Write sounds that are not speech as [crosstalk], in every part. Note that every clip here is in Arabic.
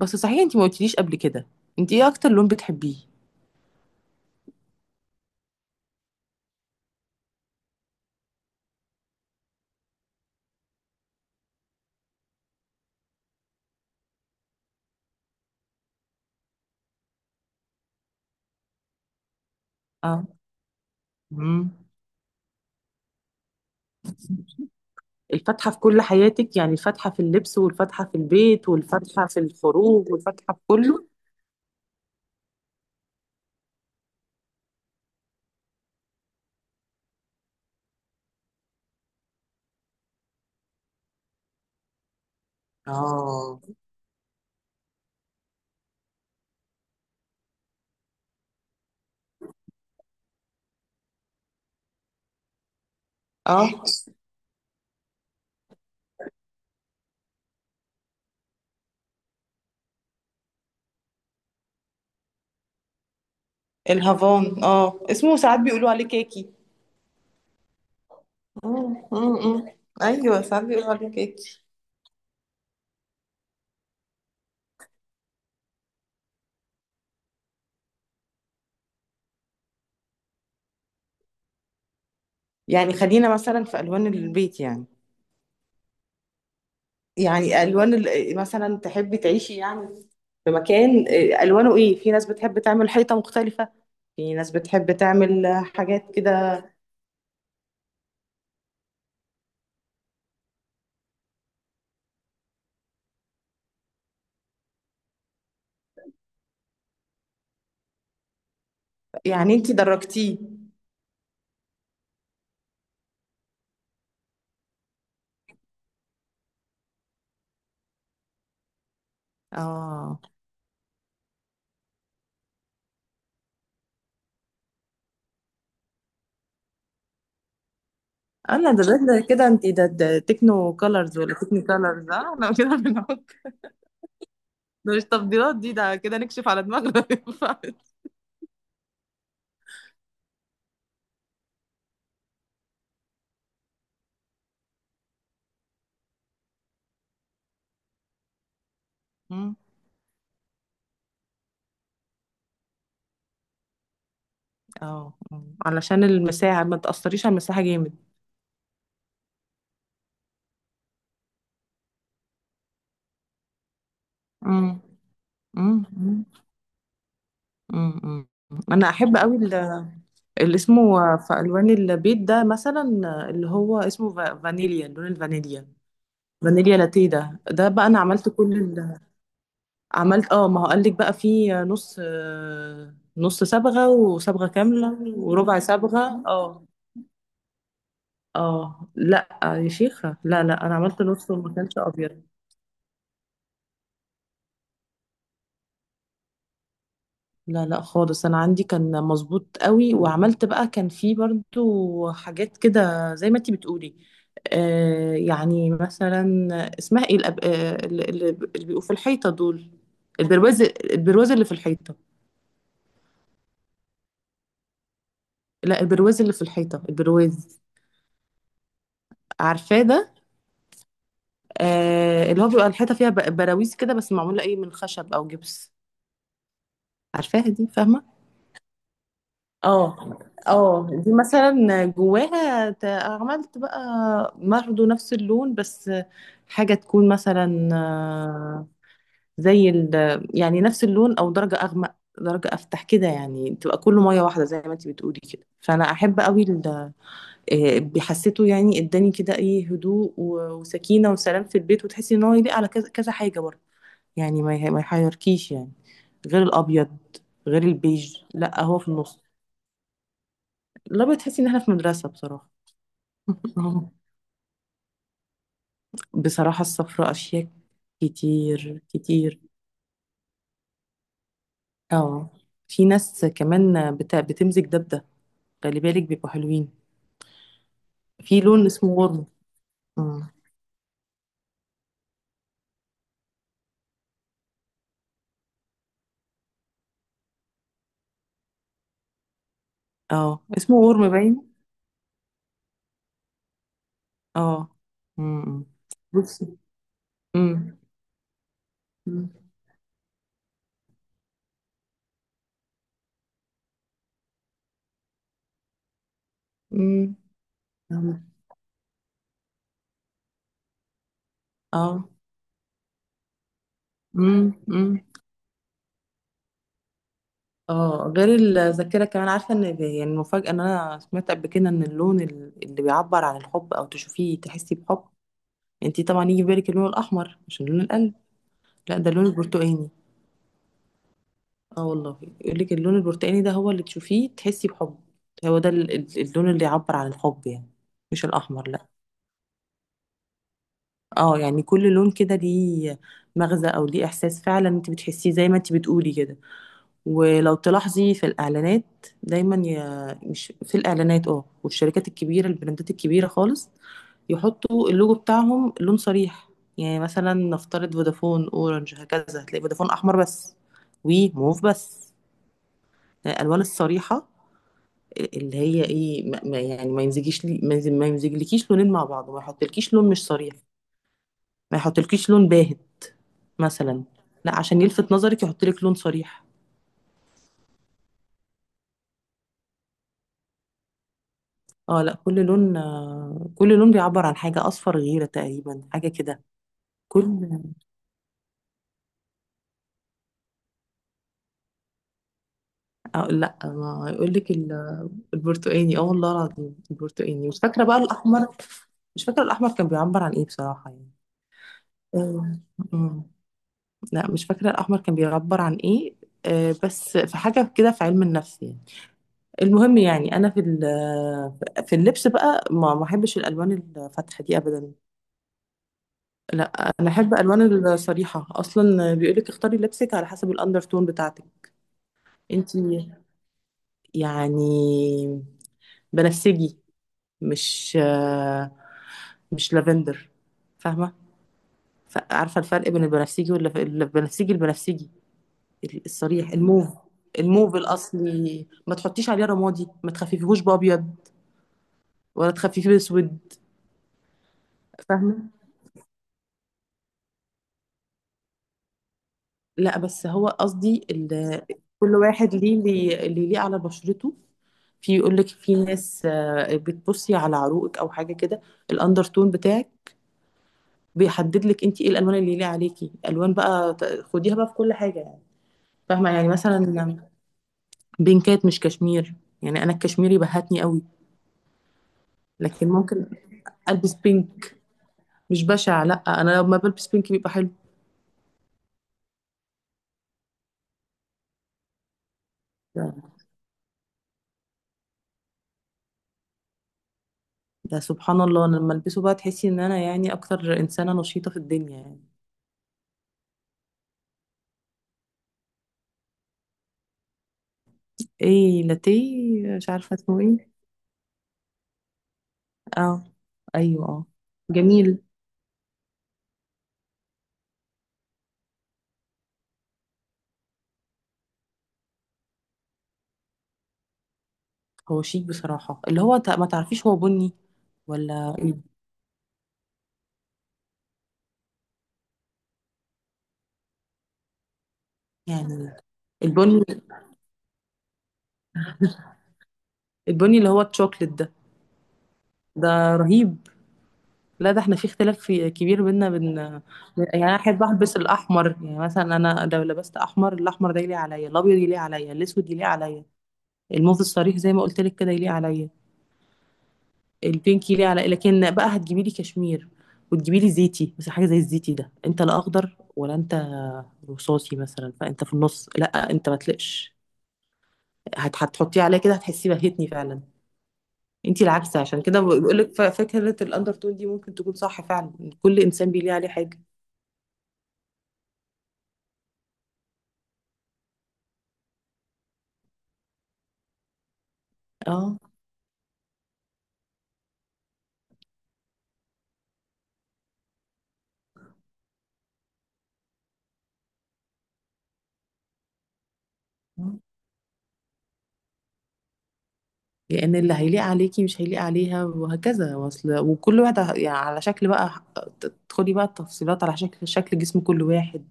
بس صحيح انتي ما قلتليش قبل كده. انتي ايه اكتر لون بتحبيه؟ اه. امم الفاتحة في كل حياتك؟ يعني الفاتحة في اللبس، والفاتحة في البيت، والفاتحة في الخروج، والفاتحة في كله؟ اه، اه، الهافان، اسمه ساعات بيقولوا عليه كاكي. مم، مم، مم. ايوه، ساعات بيقولوا عليه كيكي. يعني خلينا مثلا في الوان البيت يعني. يعني الوان مثلا تحبي تعيشي يعني، في مكان الوانه ايه. في ناس بتحب تعمل حيطه مختلفه، في ناس بتحب تعمل حاجات كده. يعني انتي درجتيه؟ اه. انا ده كده، انتي ده تكنو كولرز ولا تكني كولرز، انا كده بنحط. ده مش تفضيلات دي، ده كده نكشف على دماغنا. [laughs] اه، علشان المساحة ما تأثريش، على المساحة جامد. مم. مم. مم. مم. مم. انا احب قوي اللي اسمه في الوان البيت ده مثلا، اللي هو اسمه فانيليا، لون الفانيليا. فانيليا لاتيه، ده بقى انا عملت كل عملت. اه ما هو قال لك بقى فيه نص، نص صبغه وصبغه كامله وربع صبغه. اه. اه، لا يا شيخه، لا لا، انا عملت نص وما كانش ابيض. لا لا، خالص، انا عندي كان مظبوط قوي وعملت بقى، كان في برضو حاجات كده زي ما انتي بتقولي. يعني مثلا اسمها ايه الأب... آه اللي اللي بيبقوا في الحيطه دول؟ البرواز، البرواز اللي في الحيطه. لا، البرواز اللي في الحيطه، البرواز. عارفاه ده؟ اللي هو بيبقى الحيطه فيها براويز كده، بس معموله ايه؟ من خشب او جبس. عارفاها دي، فاهمه؟ اه. اه دي مثلا جواها عملت بقى برضه نفس اللون، بس حاجة تكون مثلا زي ال... يعني نفس اللون، او درجة اغمق، درجة افتح كده، يعني تبقى كله مية واحدة زي ما انت بتقولي كده. فانا احب قوي بحسيته يعني اداني كده ايه، هدوء وسكينة وسلام في البيت، وتحسي ان هو يليق على كذا كذا حاجة برضه، يعني ما يحيركيش يعني. غير الابيض، غير البيج، لا هو في النص. لا، بتحسي ان احنا في مدرسة بصراحة. [laughs] اه. بصراحة السفر اشياء كتير كتير. اه في ناس كمان بتمزج ده بده، خلي بالك بيبقوا حلوين. في لون اسمه ورم. مم. اه، اسمه ورم باين. اه امم بصي. امم مم. امم فاهمة. اه. مم. مم. اه، غير الذاكرة كمان، عارفة ان يعني المفاجأة ان انا سمعت قبل كده ان اللون اللي بيعبر عن الحب، او تشوفيه تحسي بحب، يعني انتي طبعا يجي في بالك اللون الاحمر عشان لون القلب. لا، ده اللون البرتقاني. اه والله، يقول لك اللون البرتقاني ده هو اللي تشوفيه تحسي بحب، هو ده اللون اللي يعبر عن الحب يعني، مش الاحمر لا. اه، يعني كل لون كده ليه مغزى، او ليه احساس فعلا انت بتحسيه زي ما انت بتقولي كده. ولو تلاحظي، في الإعلانات دايما مش في الإعلانات، والشركات الكبيرة، البراندات الكبيرة خالص، يحطوا اللوجو بتاعهم لون صريح. يعني مثلا نفترض فودافون، اورنج، هكذا، هتلاقي فودافون احمر بس، وموف بس، الالوان الصريحه اللي هي ايه، يعني ما يمزجيش لي، ما يمزجلكيش لونين مع بعض، ما يحطلكيش لون مش صريح، ما يحطلكيش لون باهت مثلا. لا، عشان يلفت نظرك يحطلك لون صريح. اه. لا، كل لون كل لون بيعبر عن حاجة، أصفر غيرة تقريبا، حاجة كده. كل... لا، ما يقول لك [laughs] البرتقاني. اه والله العظيم البرتقاني، مش فاكرة بقى الأحمر، مش فاكرة الأحمر كان بيعبر عن ايه بصراحة، يعني آه، مم. لا، مش فاكرة الأحمر كان بيعبر عن ايه. بس في حاجة كده في علم النفس يعني. المهم، يعني أنا في في اللبس بقى، ما بحبش الألوان الفاتحة دي أبدا. لا. انا احب الوان الصريحه. اصلا بيقولك اختاري لبسك على حسب الاندرتون بتاعتك. انتي يعني بنفسجي، مش مش لافندر، فاهمه؟ عارفه الفرق بين البنفسجي والبنفسجي، البنفسجي البنفسجي الصريح، الموف، الموف الاصلي، ما تحطيش عليه رمادي، ما تخففيهوش بابيض، ولا تخففيه باسود. فاهمه. لا بس هو قصدي كل واحد اللي ليه على بشرته. في يقول لك في ناس بتبصي على عروقك او حاجه كده، الاندرتون بتاعك بيحدد لك انت ايه الالوان اللي ليه عليكي، الوان بقى خديها بقى في كل حاجه يعني. فاهمه، يعني مثلا بينكات مش كشمير. يعني انا الكشميري بهتني قوي، لكن ممكن البس بينك. مش بشع لا، انا لما بلبس بينك بيبقى حلو. ده ده سبحان الله، أنا لما البسه بقى تحسي ان انا يعني اكتر انسانه نشيطه في الدنيا يعني. ايه، لاتيه؟ مش عارفه اسمه ايه. اه. ايوه، اه. جميل. هو شيك بصراحه، اللي هو ما تعرفيش هو بني ولا ايه. يعني البني، البني اللي هو الشوكليت ده، ده رهيب. لا، ده احنا في اختلاف في كبير بينا بين. يعني انا احب البس الاحمر. يعني مثلا انا لو لبست احمر، الاحمر ده يليق عليا، الابيض يليق عليا، الاسود يليق عليا، الموف الصريح زي ما قلت لك كده يليق عليا، البينك ليه على. لكن بقى هتجيبي لي كشمير وتجيبي لي زيتي، بس حاجه زي الزيتي ده انت لا اخضر ولا انت رصاصي مثلا، فانت في النص، لا انت ما تلقش، هتحطيه عليا كده هتحسي بهتني فعلا. انت العكس، عشان كده بقول لك فكره الاندر تون دي ممكن تكون صح فعلا، كل انسان بيليه عليه حاجه. اه. لان اللي هيليق عليكي مش هيليق عليها، وهكذا واصل، وكل واحد يعني على شكل بقى، تدخلي بقى التفصيلات على شكل جسم كل واحد،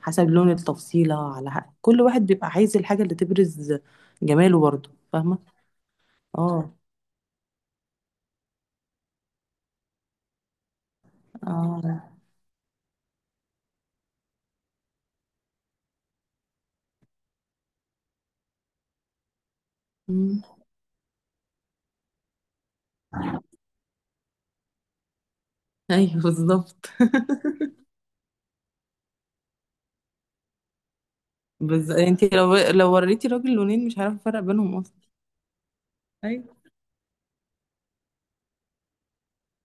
حسب لون التفصيلة على كل واحد بيبقى عايز الحاجة اللي تبرز جماله برضه. فاهمة. اه. اه. أمم. ايوه بالظبط. [laughs] بس انت لو وريتي راجل لونين مش هيعرف يفرق بينهم اصلا. ايوه.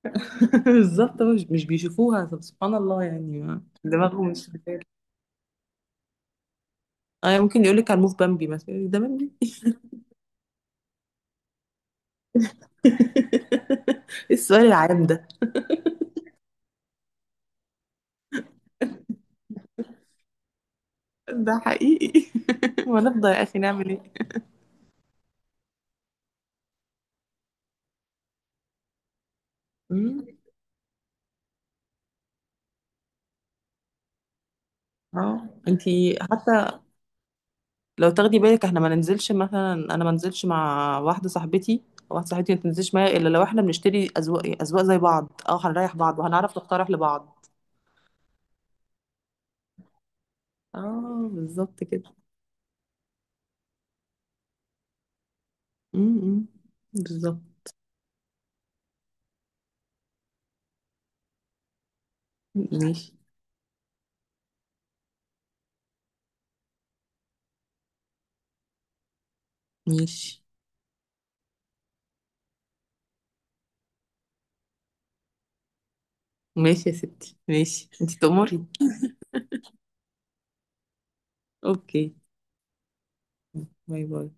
[laughs] بالظبط، هو مش بيشوفوها. طب سبحان الله، يعني دماغهم مش بتاعي. اه. ممكن يقول لك على الموف بامبي مثلا، يقولك ده بامبي. [laughs] السؤال العام ده. ده حقيقي. [laughs] ونفضل يا اخي نعمل ايه. أمم، اه. انتي حتى، لو تاخدي بالك، احنا ما ننزلش. مثلا انا ما انزلش مع واحده صاحبتي، او واحده صاحبتي ما تنزلش معايا، الا لو احنا بنشتري اذواق اذواق زي بعض، اه هنريح بعض وهنعرف نقترح لبعض. اه، بالظبط كده. امم بالظبط. ماشي. ماشي، ماشي يا ستي، ماشي انتي تأمري. اوكي. باي باي.